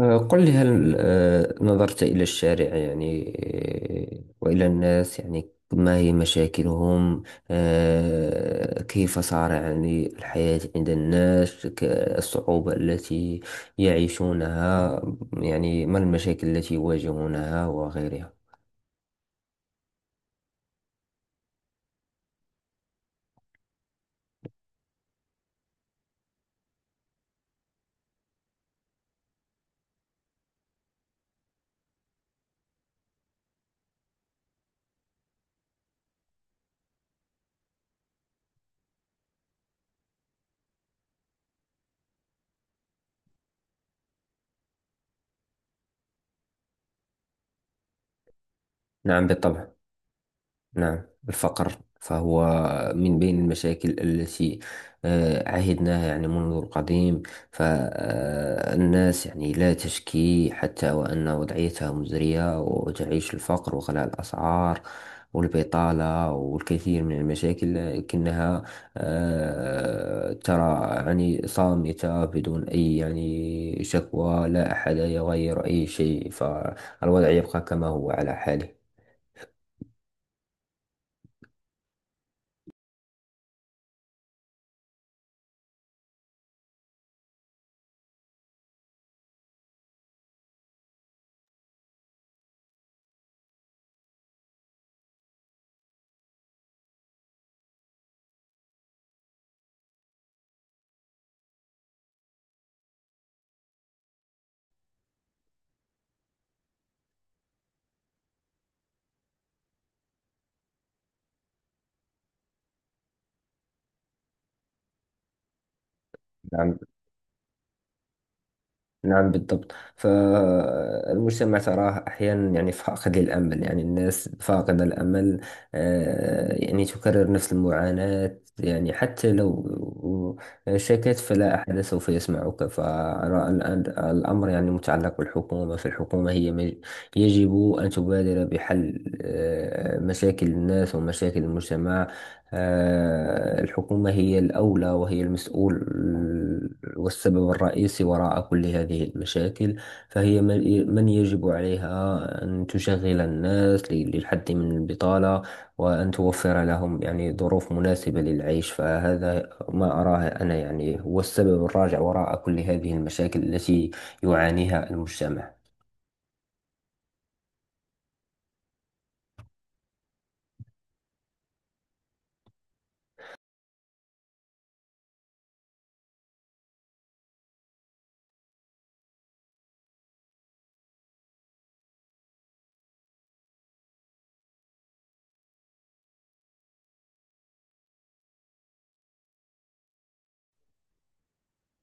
قل لي، هل نظرت إلى الشارع يعني؟ وإلى الناس، يعني ما هي مشاكلهم؟ كيف صار يعني الحياة عند الناس، الصعوبة التي يعيشونها؟ يعني ما المشاكل التي يواجهونها وغيرها؟ نعم، بالطبع. نعم، الفقر. فهو من بين المشاكل التي عهدناها يعني منذ القديم. فالناس يعني لا تشكي حتى وأن وضعيتها مزرية، وتعيش الفقر وغلاء الأسعار والبطالة والكثير من المشاكل. لكنها ترى يعني صامتة، بدون أي يعني شكوى. لا أحد يغير أي شيء، فالوضع يبقى كما هو على حاله. نعم، نعم، بالضبط. فالمجتمع تراه أحيانا يعني فاقد للأمل، يعني الناس فاقدة الأمل. يعني تكرر نفس المعاناة. يعني حتى لو شكت فلا أحد سوف يسمعك. فأرى الآن الأمر يعني متعلق بالحكومة. فالحكومة هي يجب أن تبادر بحل مشاكل الناس ومشاكل المجتمع. الحكومة هي الأولى وهي المسؤول والسبب الرئيسي وراء كل هذه المشاكل. فهي من يجب عليها أن تشغل الناس للحد من البطالة، وأن توفر لهم يعني ظروف مناسبة للعيش. فهذا ما أراه أنا، يعني هو السبب الراجع وراء كل هذه المشاكل التي يعانيها المجتمع.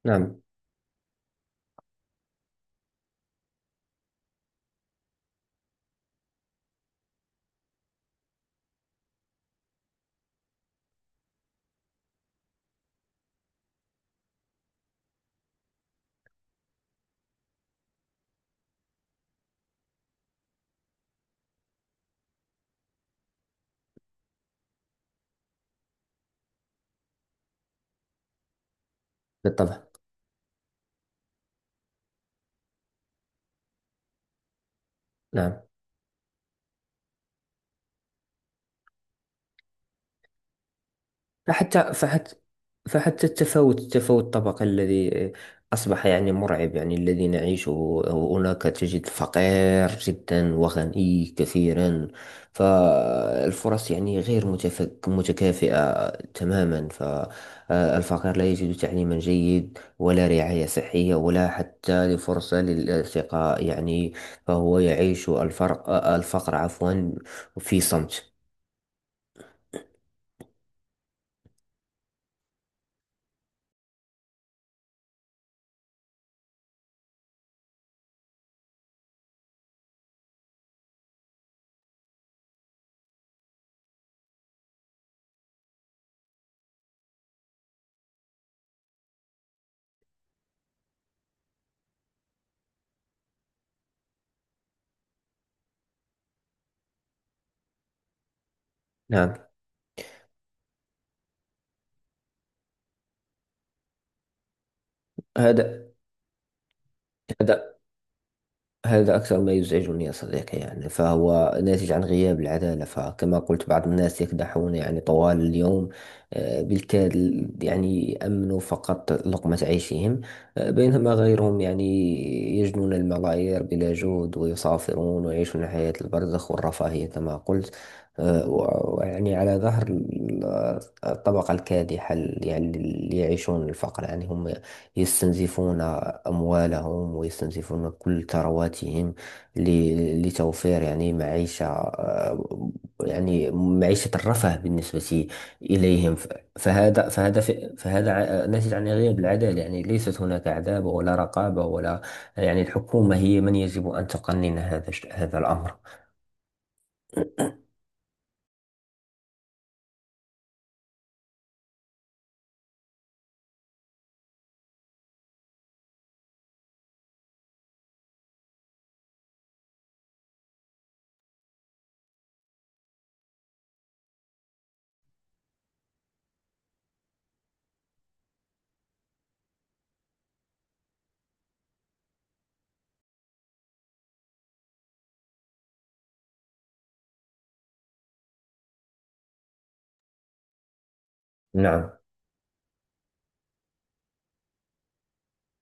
نعم، بالطبع. نعم، فحتى فحتى فحتى التفاوت الطبقي الذي أصبح يعني مرعب، يعني الذي نعيشه. هناك تجد فقير جدا وغني كثيرا. فالفرص يعني غير متكافئة تماما. فالفقير لا يجد تعليما جيد ولا رعاية صحية ولا حتى لفرصة للالتقاء، يعني. فهو يعيش الفرق، الفقر عفوا، في صمت. نعم. هذا هذا هذا أكثر ما يزعجني يا صديقي، يعني فهو ناتج عن غياب العدالة. فكما قلت، بعض الناس يكدحون يعني طوال اليوم، بالكاد يعني يأمنوا فقط لقمة عيشهم. بينما غيرهم يعني يجنون الملايير بلا جهد، ويسافرون ويعيشون حياة البرزخ والرفاهية كما قلت. ويعني على ظهر الطبقة الكادحة اللي يعني اللي يعيشون الفقر. يعني هم يستنزفون أموالهم، ويستنزفون كل ثرواتهم لتوفير يعني معيشة، يعني معيشة الرفاه بالنسبة إليهم. فهذا فهذا ف- فهذا ناتج عن غياب العدالة. يعني ليست هناك عدالة ولا رقابة ولا. يعني الحكومة هي من يجب أن تقنن هذا الأمر. نعم،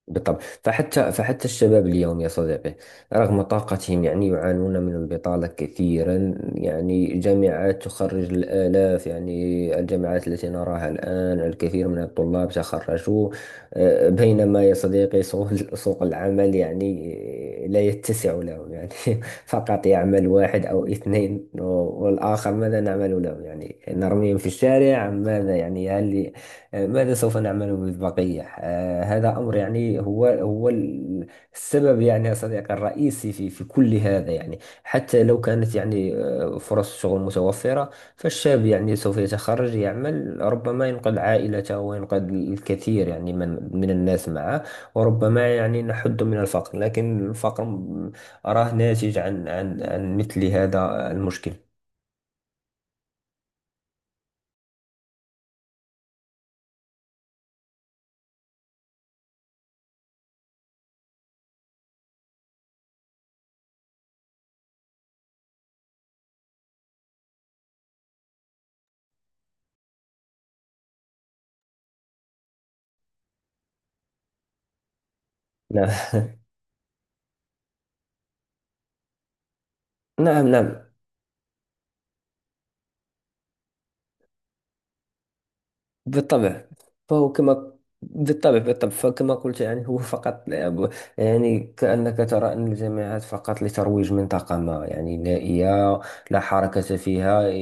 بالطبع. فحتى الشباب اليوم يا صديقي، رغم طاقتهم، يعني يعانون من البطالة كثيرا. يعني جامعات تخرج الآلاف، يعني الجامعات التي نراها الآن، الكثير من الطلاب تخرجوا. بينما يا صديقي سوق سوق العمل يعني لا يتسع لهم، يعني فقط يعمل واحد أو اثنين. والآخر ماذا نعمل لهم؟ يعني نرميهم في الشارع أم ماذا؟ يعني هل ماذا سوف نعمل بالبقية؟ هذا أمر، يعني هو السبب يعني يا صديقي الرئيسي في كل هذا. يعني حتى لو كانت يعني فرص شغل متوفرة، فالشاب يعني سوف يتخرج، يعمل، ربما ينقذ عائلته وينقذ الكثير يعني من الناس معه. وربما يعني نحد من الفقر. لكن الفقر أراه ناتج عن مثل هذا المشكل. نعم، نعم، نعم، بالطبع. فهو كما. بالطبع، بالطبع. فكما قلت يعني هو فقط لعب. يعني كأنك ترى أن الجامعات فقط لترويج منطقة ما يعني نائية، لا حركة فيها.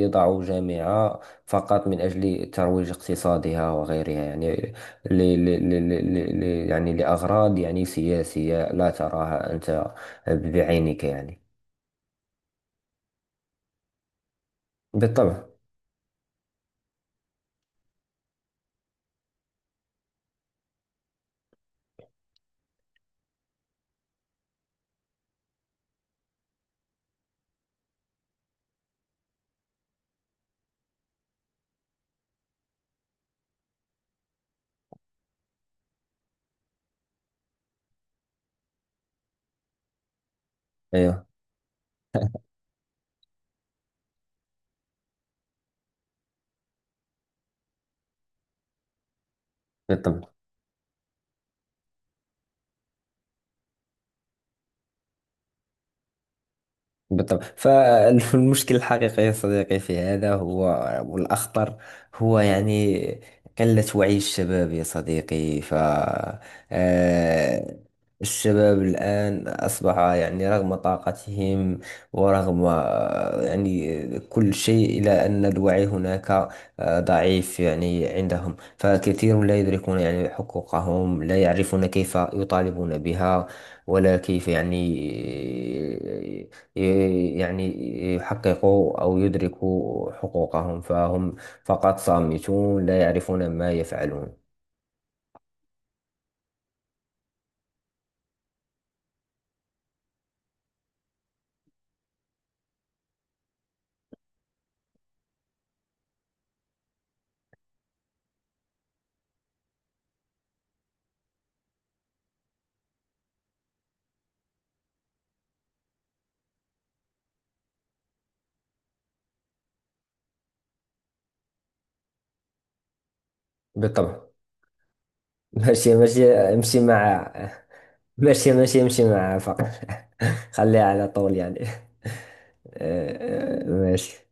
يضع جامعة فقط من أجل ترويج اقتصادها وغيرها. يعني ل ل ل ل يعني لأغراض يعني سياسية لا تراها أنت بعينك، يعني. بالطبع. أيوه، بالطبع، بالطبع. فالمشكل الحقيقي يا صديقي في هذا هو، والأخطر، هو يعني قلة وعي الشباب يا صديقي. ف آه، الشباب الآن أصبح، يعني رغم طاقتهم ورغم يعني كل شيء، إلا أن الوعي هناك ضعيف يعني عندهم. فكثير لا يدركون يعني حقوقهم، لا يعرفون كيف يطالبون بها، ولا كيف يعني يعني يحققوا أو يدركوا حقوقهم. فهم فقط صامتون، لا يعرفون ما يفعلون. بالطبع. ماشي ماشي امشي مع ماشي، ماشي، امشي مع فقط. خليها على طول يعني. ماشي.